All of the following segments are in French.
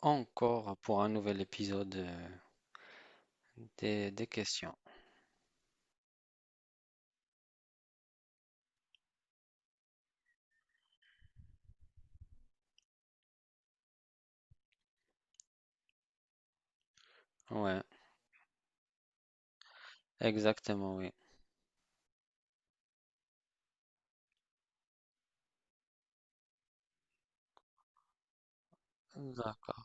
Encore pour un nouvel épisode des questions. Ouais, exactement, oui. D'accord.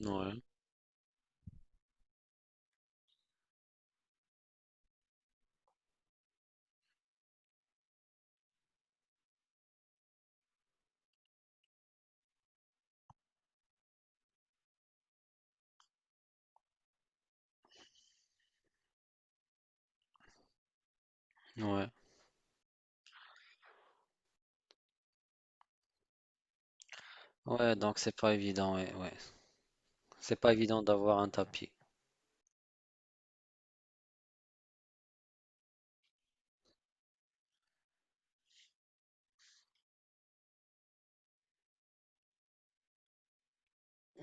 Ouais, ouais. Ouais, donc c'est pas évident, ouais, ouais. C'est pas évident d'avoir un tapis.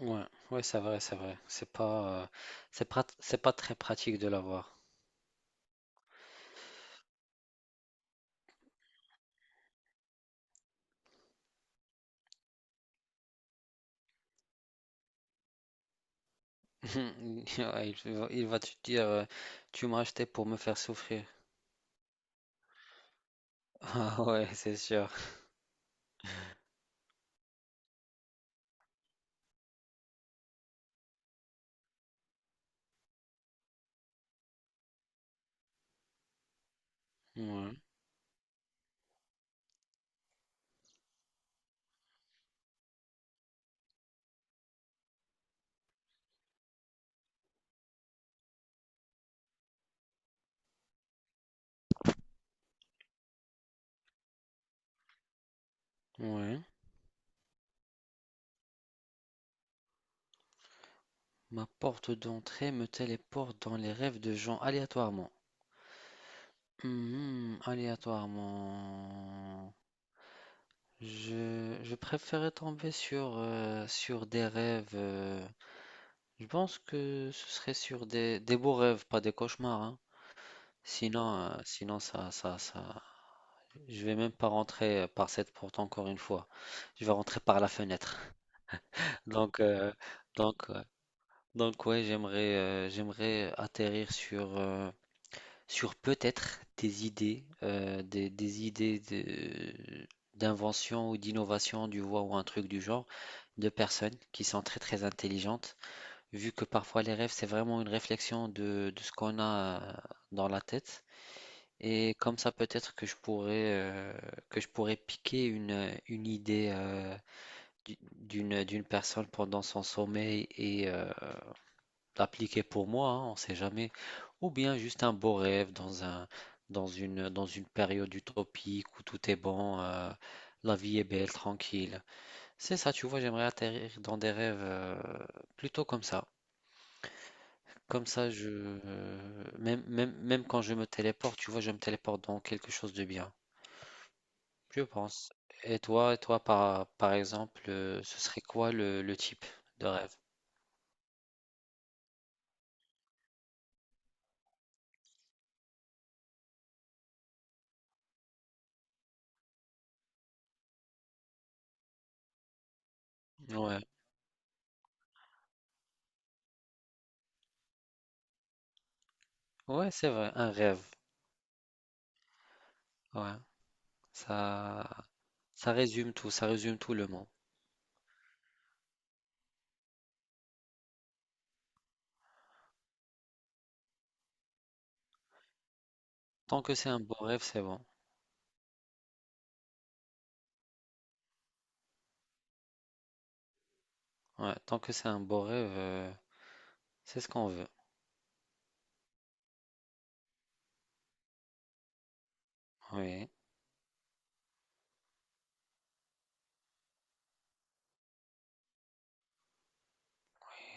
Ouais, ouais, c'est vrai, c'est vrai. C'est pas très pratique de l'avoir. Ouais, il va te dire, tu m'as acheté pour me faire souffrir. Ah ouais, c'est sûr. Ouais, ouais. Ma porte d'entrée me téléporte dans les rêves de gens aléatoirement. Mhm, aléatoirement, je préférais tomber sur des rêves. Je pense que ce serait sur des beaux rêves, pas des cauchemars, hein. Sinon ça, je vais même pas rentrer par cette porte encore une fois. Je vais rentrer par la fenêtre. Donc, euh, donc, euh, donc, ouais, j'aimerais atterrir sur peut-être des idées, des idées d'invention ou d'innovation du voix ou un truc du genre de personnes qui sont très très intelligentes, vu que parfois les rêves c'est vraiment une réflexion de ce qu'on a dans la tête. Et comme ça peut-être que je pourrais piquer une idée d'une d'une personne pendant son sommeil et appliquer pour moi, hein, on ne sait jamais, ou bien juste un beau rêve dans une période utopique où tout est bon, la vie est belle, tranquille. C'est ça, tu vois, j'aimerais atterrir dans des rêves plutôt comme ça. Comme ça, je, même quand je me téléporte, tu vois, je me téléporte dans quelque chose de bien, je pense. Et toi, par exemple, ce serait quoi le type de rêve? Ouais, ouais, c'est vrai, un rêve. Ouais, ça. Ça résume tout le monde. Tant que c'est un beau rêve, c'est bon. Ouais, tant que c'est un beau rêve, c'est ce qu'on veut. Oui,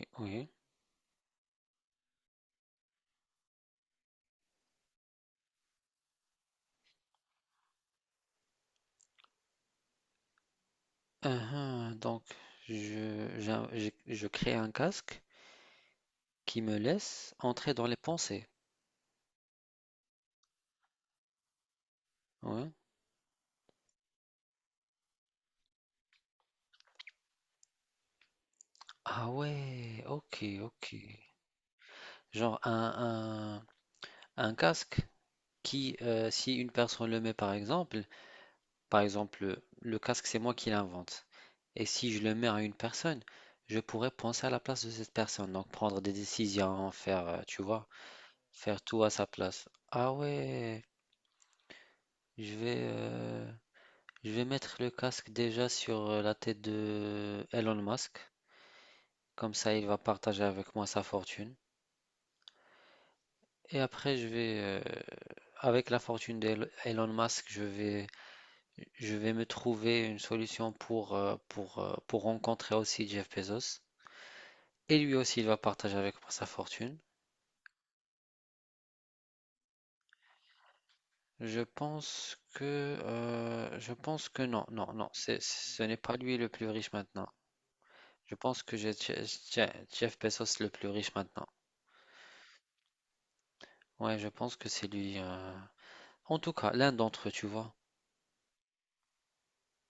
oui. Uhum, donc, je crée un casque qui me laisse entrer dans les pensées. Ouais. Ah ouais, ok, ok. Genre un casque si une personne le met par exemple. Par exemple, le casque, c'est moi qui l'invente. Et si je le mets à une personne, je pourrais penser à la place de cette personne, donc prendre des décisions, tu vois, faire tout à sa place. Ah ouais, je vais, euh, je vais mettre le casque déjà sur la tête de Elon Musk, comme ça il va partager avec moi sa fortune. Et après, avec la fortune d'Elon Musk, je vais me trouver une solution pour rencontrer aussi Jeff Bezos. Et lui aussi, il va partager avec moi sa fortune. Je pense que non, non, non, ce n'est pas lui le plus riche maintenant. Je pense que Jeff Bezos le plus riche maintenant. Ouais, je pense que c'est lui. En tout cas, l'un d'entre eux, tu vois.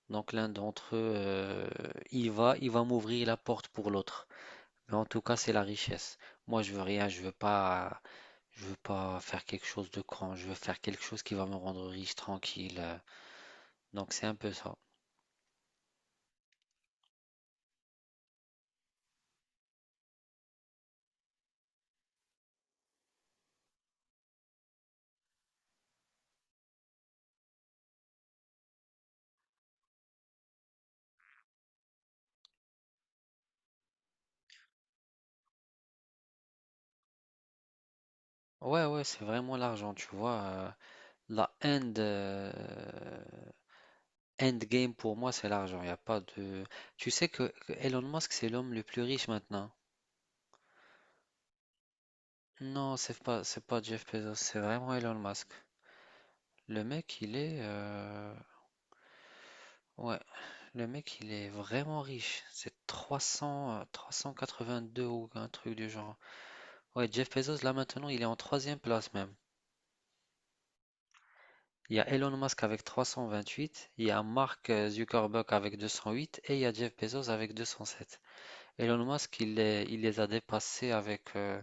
Donc l'un d'entre eux, il va m'ouvrir la porte pour l'autre. Mais en tout cas, c'est la richesse. Moi, je veux rien, je veux pas faire quelque chose de grand. Je veux faire quelque chose qui va me rendre riche, tranquille. Donc c'est un peu ça. Ouais, ouais, c'est vraiment l'argent, tu vois. La end, euh, end game pour moi, c'est l'argent. Il a pas de. Tu sais que Elon Musk, c'est l'homme le plus riche maintenant. Non, c'est pas Jeff Bezos, c'est vraiment Elon Musk. Le mec, ouais, le mec, il est vraiment riche. C'est 300, 382 ou un truc du genre. Ouais, Jeff Bezos, là maintenant, il est en troisième place même. Il y a Elon Musk avec 328, il y a Mark Zuckerberg avec 208 et il y a Jeff Bezos avec 207. Elon Musk, il les a dépassés avec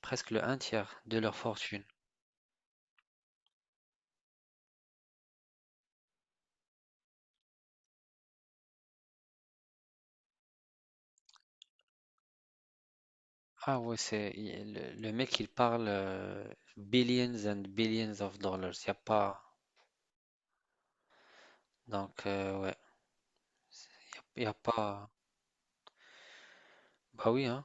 presque le un tiers de leur fortune. Ah ouais, le mec, il parle billions and billions of dollars. Il n'y a pas. Donc, ouais, il n'y a pas. Bah oui, hein.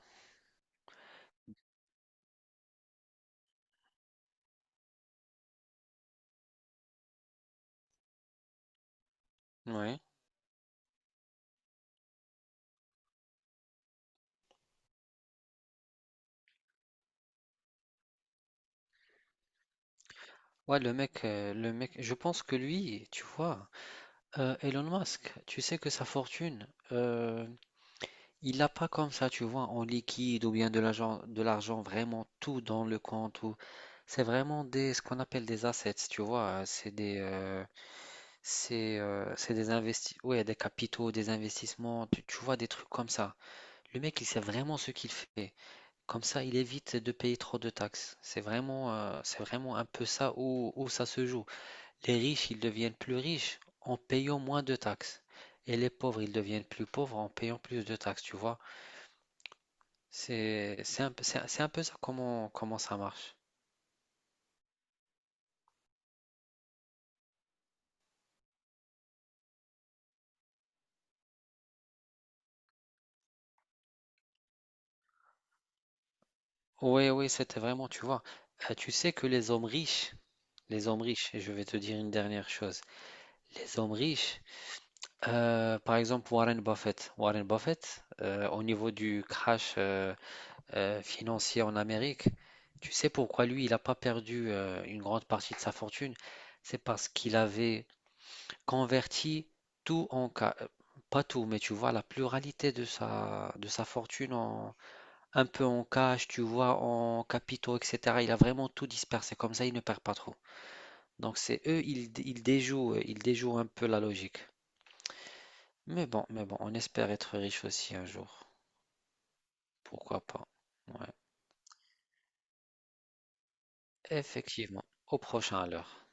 Ouais. Ouais, le mec, je pense que lui, tu vois, Elon Musk, tu sais que sa fortune, euh, il a pas comme ça, tu vois, en liquide ou bien de l'argent vraiment tout dans le compte ou c'est vraiment des ce qu'on appelle des assets, tu vois, c'est des investi ouais, des capitaux, des investissements, tu vois des trucs comme ça. Le mec, il sait vraiment ce qu'il fait. Comme ça, il évite de payer trop de taxes. C'est vraiment un peu ça où ça se joue. Les riches, ils deviennent plus riches en payant moins de taxes. Et les pauvres, ils deviennent plus pauvres en payant plus de taxes, tu vois. C'est un, peu- c'est un peu ça comment ça marche. Oui, oui, c'était vraiment, tu vois. Tu sais que les hommes riches, et je vais te dire une dernière chose, les hommes riches, par exemple Warren Buffett, au niveau du crash financier en Amérique, tu sais pourquoi lui, il n'a pas perdu une grande partie de sa fortune? C'est parce qu'il avait converti tout en, pas tout, mais tu vois, la pluralité de de sa fortune un peu en cash, tu vois, en capitaux, etc. Il a vraiment tout dispersé. Comme ça, il ne perd pas trop. Donc, c'est eux, ils déjouent un peu la logique. Mais bon, on espère être riche aussi un jour. Pourquoi pas? Ouais. Effectivement. Au prochain alors.